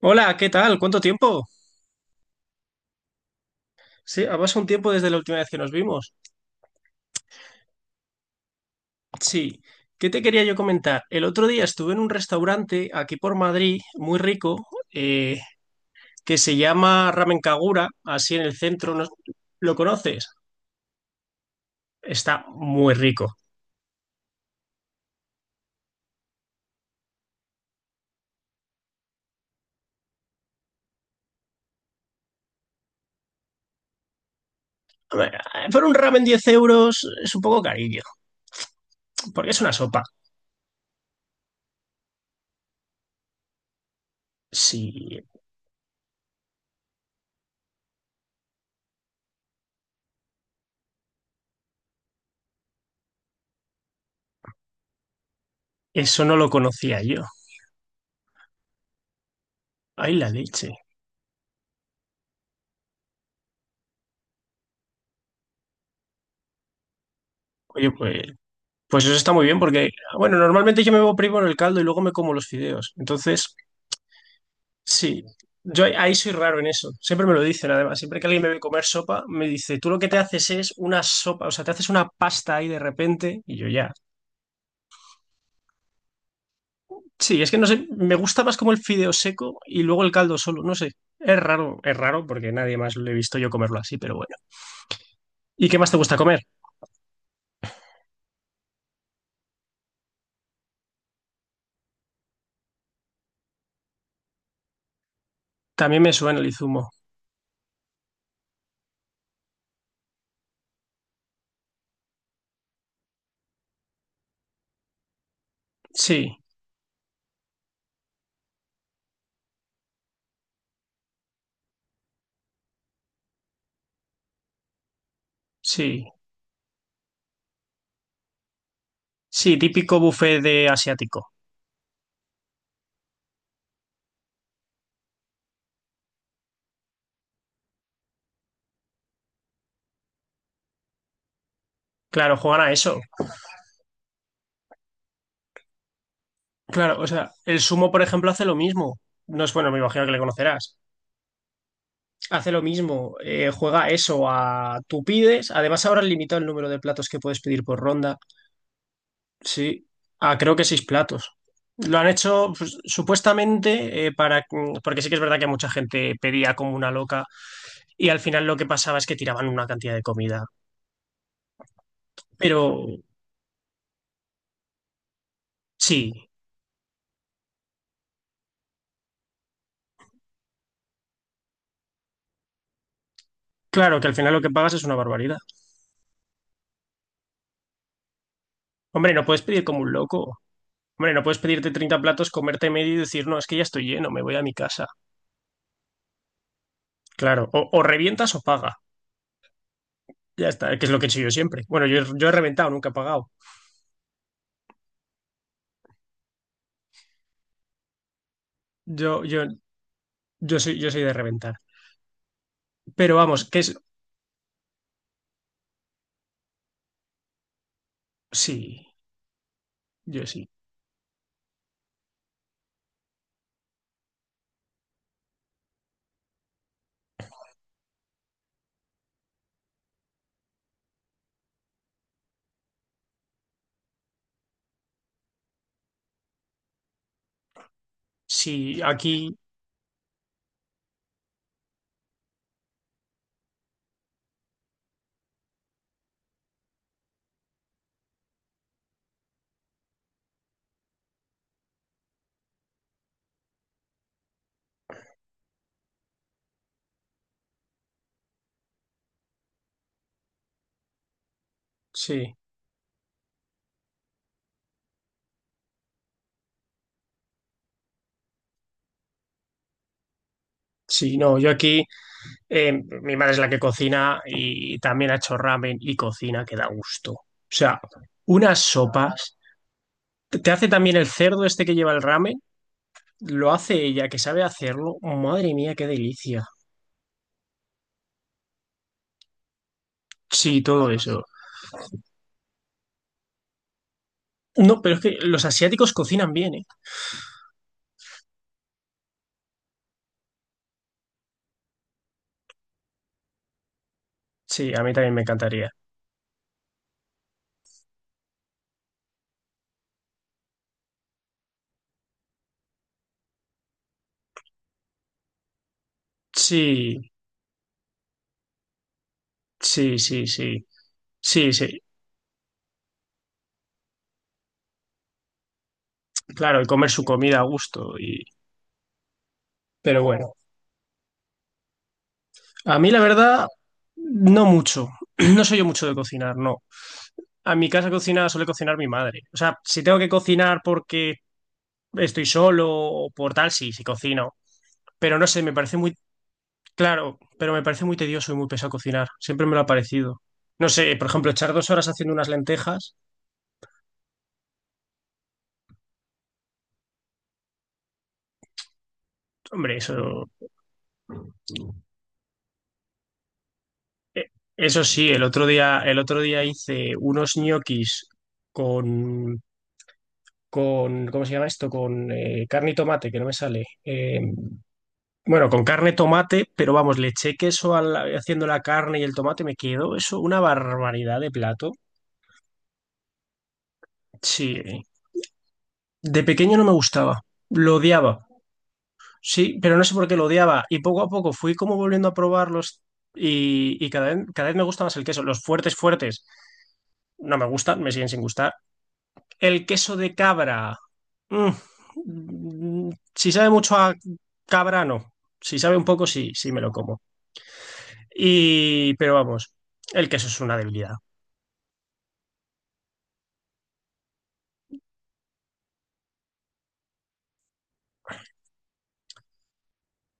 Hola, ¿qué tal? ¿Cuánto tiempo? Sí, ha pasado un tiempo desde la última vez que nos vimos. Sí, ¿qué te quería yo comentar? El otro día estuve en un restaurante aquí por Madrid, muy rico, eh, que se llama Ramen Kagura, así en el centro. ¿No? ¿Lo conoces? Está muy rico. A ver, por un ramen 10 euros es un poco carillo, porque es una sopa. Sí, eso no lo conocía yo. Ay, la leche. Oye, pues, pues eso está muy bien porque, bueno, normalmente yo me voy primero el caldo y luego me como los fideos. Entonces, sí, yo ahí soy raro en eso. Siempre me lo dicen, además. Siempre que alguien me ve comer sopa, me dice, tú lo que te haces es una sopa, o sea, te haces una pasta ahí de repente, y yo ya. Sí, es que no sé, me gusta más como el fideo seco y luego el caldo solo, no sé. Es raro porque nadie más lo he visto yo comerlo así, pero bueno. ¿Y qué más te gusta comer? También me suena el izumo. Sí, sí, sí, típico buffet de asiático. Claro, juegan a eso. Claro, o sea, el sumo, por ejemplo, hace lo mismo. No es bueno, me imagino que le conocerás. Hace lo mismo, juega eso a tú pides. Además, ahora han limitado el número de platos que puedes pedir por ronda. Sí, a creo que 6 platos. Lo han hecho pues, supuestamente para. Porque sí que es verdad que mucha gente pedía como una loca y al final lo que pasaba es que tiraban una cantidad de comida. Pero sí, claro que al final lo que pagas es una barbaridad. Hombre, no puedes pedir como un loco. Hombre, no puedes pedirte 30 platos, comerte medio y decir, no, es que ya estoy lleno, me voy a mi casa. Claro, o revientas o pagas. Ya está, que es lo que he hecho yo siempre. Bueno, yo he reventado, nunca he pagado. Yo, yo, yo soy de reventar. Pero vamos, que es. Sí, yo sí. Sí, aquí, sí. Sí, no, yo aquí, eh, mi madre es la que cocina y también ha hecho ramen y cocina que da gusto. O sea, unas sopas. Te hace también el cerdo este que lleva el ramen, lo hace ella, que sabe hacerlo. Madre mía, qué delicia. Sí, todo eso. No, pero es que los asiáticos cocinan bien, ¿eh? Sí, a mí también me encantaría. Sí, sí, sí, sí. Sí, sí. Claro, y comer su comida a gusto. Y... Pero bueno, a mí la verdad, no mucho. No soy yo mucho de cocinar, no. A mi casa cocina suele cocinar mi madre. O sea, si tengo que cocinar porque estoy solo o por tal, sí, sí cocino. Pero no sé, me parece muy tedioso y muy pesado cocinar. Siempre me lo ha parecido. No sé, por ejemplo, echar 2 horas haciendo unas lentejas, hombre, eso sí. El otro día hice unos ñoquis con, ¿cómo se llama esto? Con carne y tomate, que no me sale. Bueno, con carne, tomate, pero vamos, le eché queso al- haciendo la carne y el tomate, me quedó eso una barbaridad de plato. Sí, de pequeño no me gustaba, lo odiaba. Sí, pero no sé por qué lo odiaba. Y poco a poco fui como volviendo a probarlos y cada vez me gusta más el queso. Los fuertes, fuertes, no me gustan, me siguen sin gustar. El queso de cabra. Mm, Si sabe mucho a cabra, no. Si sabe un poco, sí, sí me lo como. Y, pero vamos, el queso es una debilidad.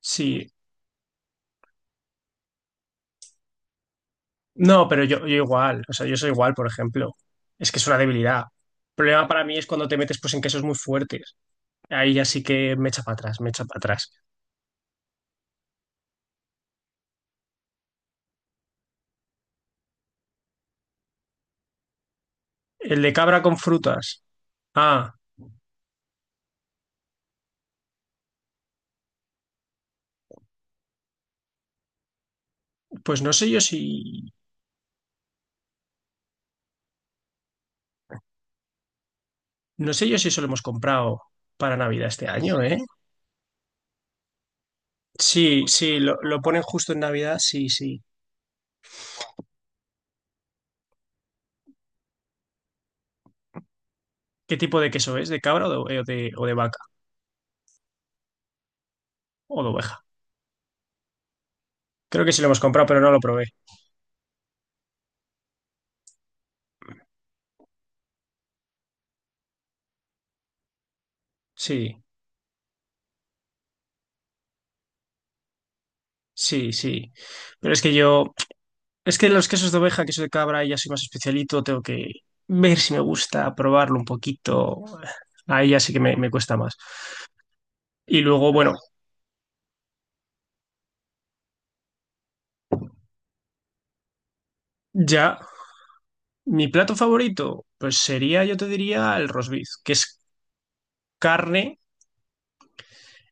Sí. No, pero yo igual. O sea, yo soy igual, por ejemplo. Es que es una debilidad. El problema para mí es cuando te metes pues en quesos muy fuertes. Ahí ya sí que me echa para atrás, me echa para atrás. El de cabra con frutas. Ah, pues no sé yo si. No sé yo si eso lo hemos comprado para Navidad este año, ¿eh? Sí, sí, lo ponen justo en Navidad, sí, sí. ¿Qué tipo de queso es? ¿De cabra o de vaca? ¿O de oveja? Creo que sí lo hemos comprado, pero no lo probé. Sí, sí, sí. Pero es que yo, es que los quesos de oveja, queso de cabra, ya soy más especialito, tengo que ver si me gusta, probarlo un poquito. Ahí ya sí que me cuesta más. Y luego, bueno, ya, mi plato favorito, pues sería, yo te diría, el roast beef, que es carne.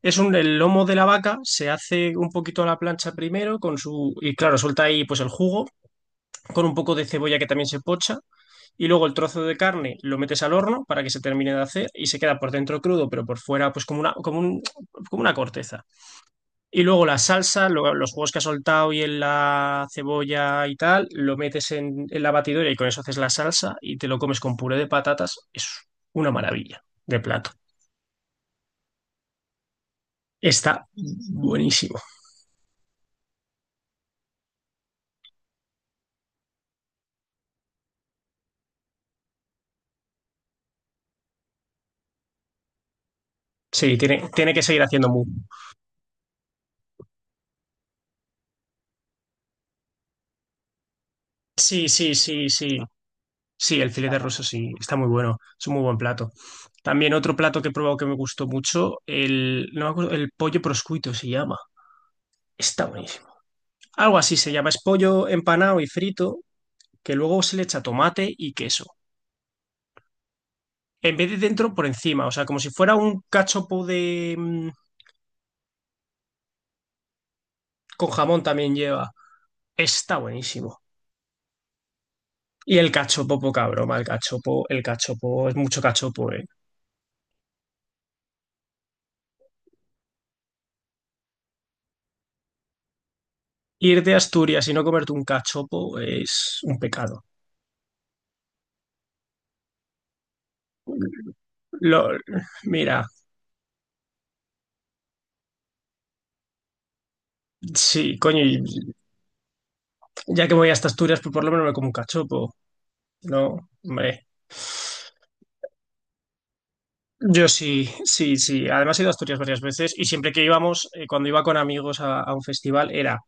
Es un, el lomo de la vaca, se hace un poquito a la plancha primero con su, y claro, suelta ahí pues el jugo, con un poco de cebolla que también se pocha y luego el trozo de carne lo metes al horno para que se termine de hacer y se queda por dentro crudo pero por fuera pues como una, como un, como una corteza. Y luego la salsa, lo- los jugos que has soltado y en la cebolla y tal, lo metes en la batidora y con eso haces la salsa y te lo comes con puré de patatas. Es una maravilla de plato. Está buenísimo. Sí, tiene, tiene que seguir haciendo muy. Sí, sí, sí, sí. Sí, el filete ruso sí, está muy bueno, es un muy buen plato. También otro plato que he probado que me gustó mucho, el, no me acuerdo, el pollo proscuito se llama, está buenísimo. Algo así se llama, es pollo empanado y frito, que luego se le echa tomate y queso. En vez de dentro, por encima, o sea, como si fuera un cachopo de... mm, con jamón también lleva, está buenísimo. Y el cachopo, poca broma, el cachopo, es mucho cachopo, ¿eh? Ir de Asturias y no comerte un cachopo es un pecado. Lo, mira. Sí, coño, y ya que voy hasta Asturias, pues por lo menos me como un cachopo, ¿no? Hombre. Yo sí, sí, sí. Además he ido a Asturias varias veces y siempre que íbamos, cuando iba con amigos a un festival, era,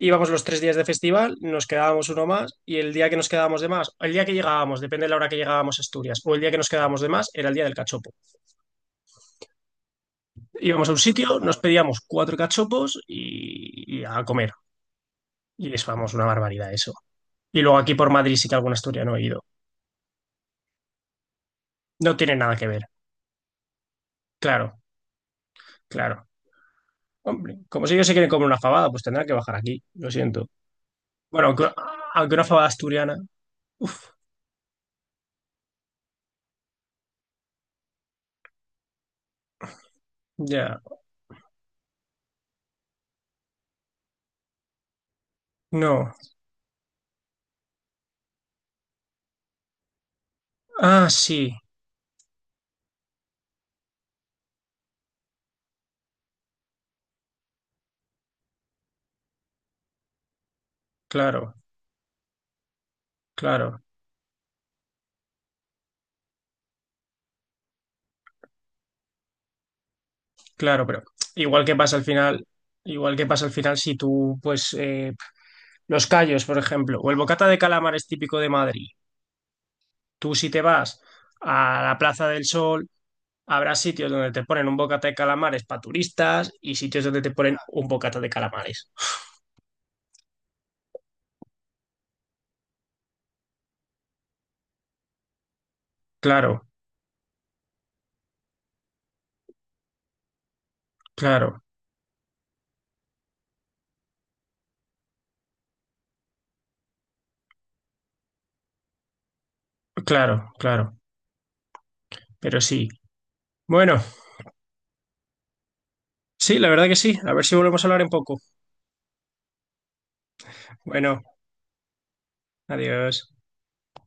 íbamos los 3 días de festival, nos quedábamos uno más y el día que nos quedábamos de más, el día que llegábamos, depende de la hora que llegábamos a Asturias, o el día que nos quedábamos de más, era el día del cachopo. Íbamos a un sitio, nos pedíamos 4 cachopos y a comer. Y es, vamos, una barbaridad eso. Y luego aquí por Madrid sí que algún asturiano he ido. No tiene nada que ver, claro. Claro. Hombre, como si ellos se quieren comer una fabada, pues tendrán que bajar aquí, lo siento. Bueno, aunque, aunque una fabada asturiana, uff, ya, no. Ah, sí, claro, claro, claro, pero igual que pasa al final, igual que pasa al final si tú, pues, los callos, por ejemplo, o el bocata de calamares típico de Madrid, tú si te vas a la Plaza del Sol, habrá sitios donde te ponen un bocata de calamares para turistas y sitios donde te ponen un bocata de calamares. Claro, claro, claro, claro, pero sí. Bueno, sí, la verdad que sí. A ver si volvemos a hablar en poco. Bueno, adiós.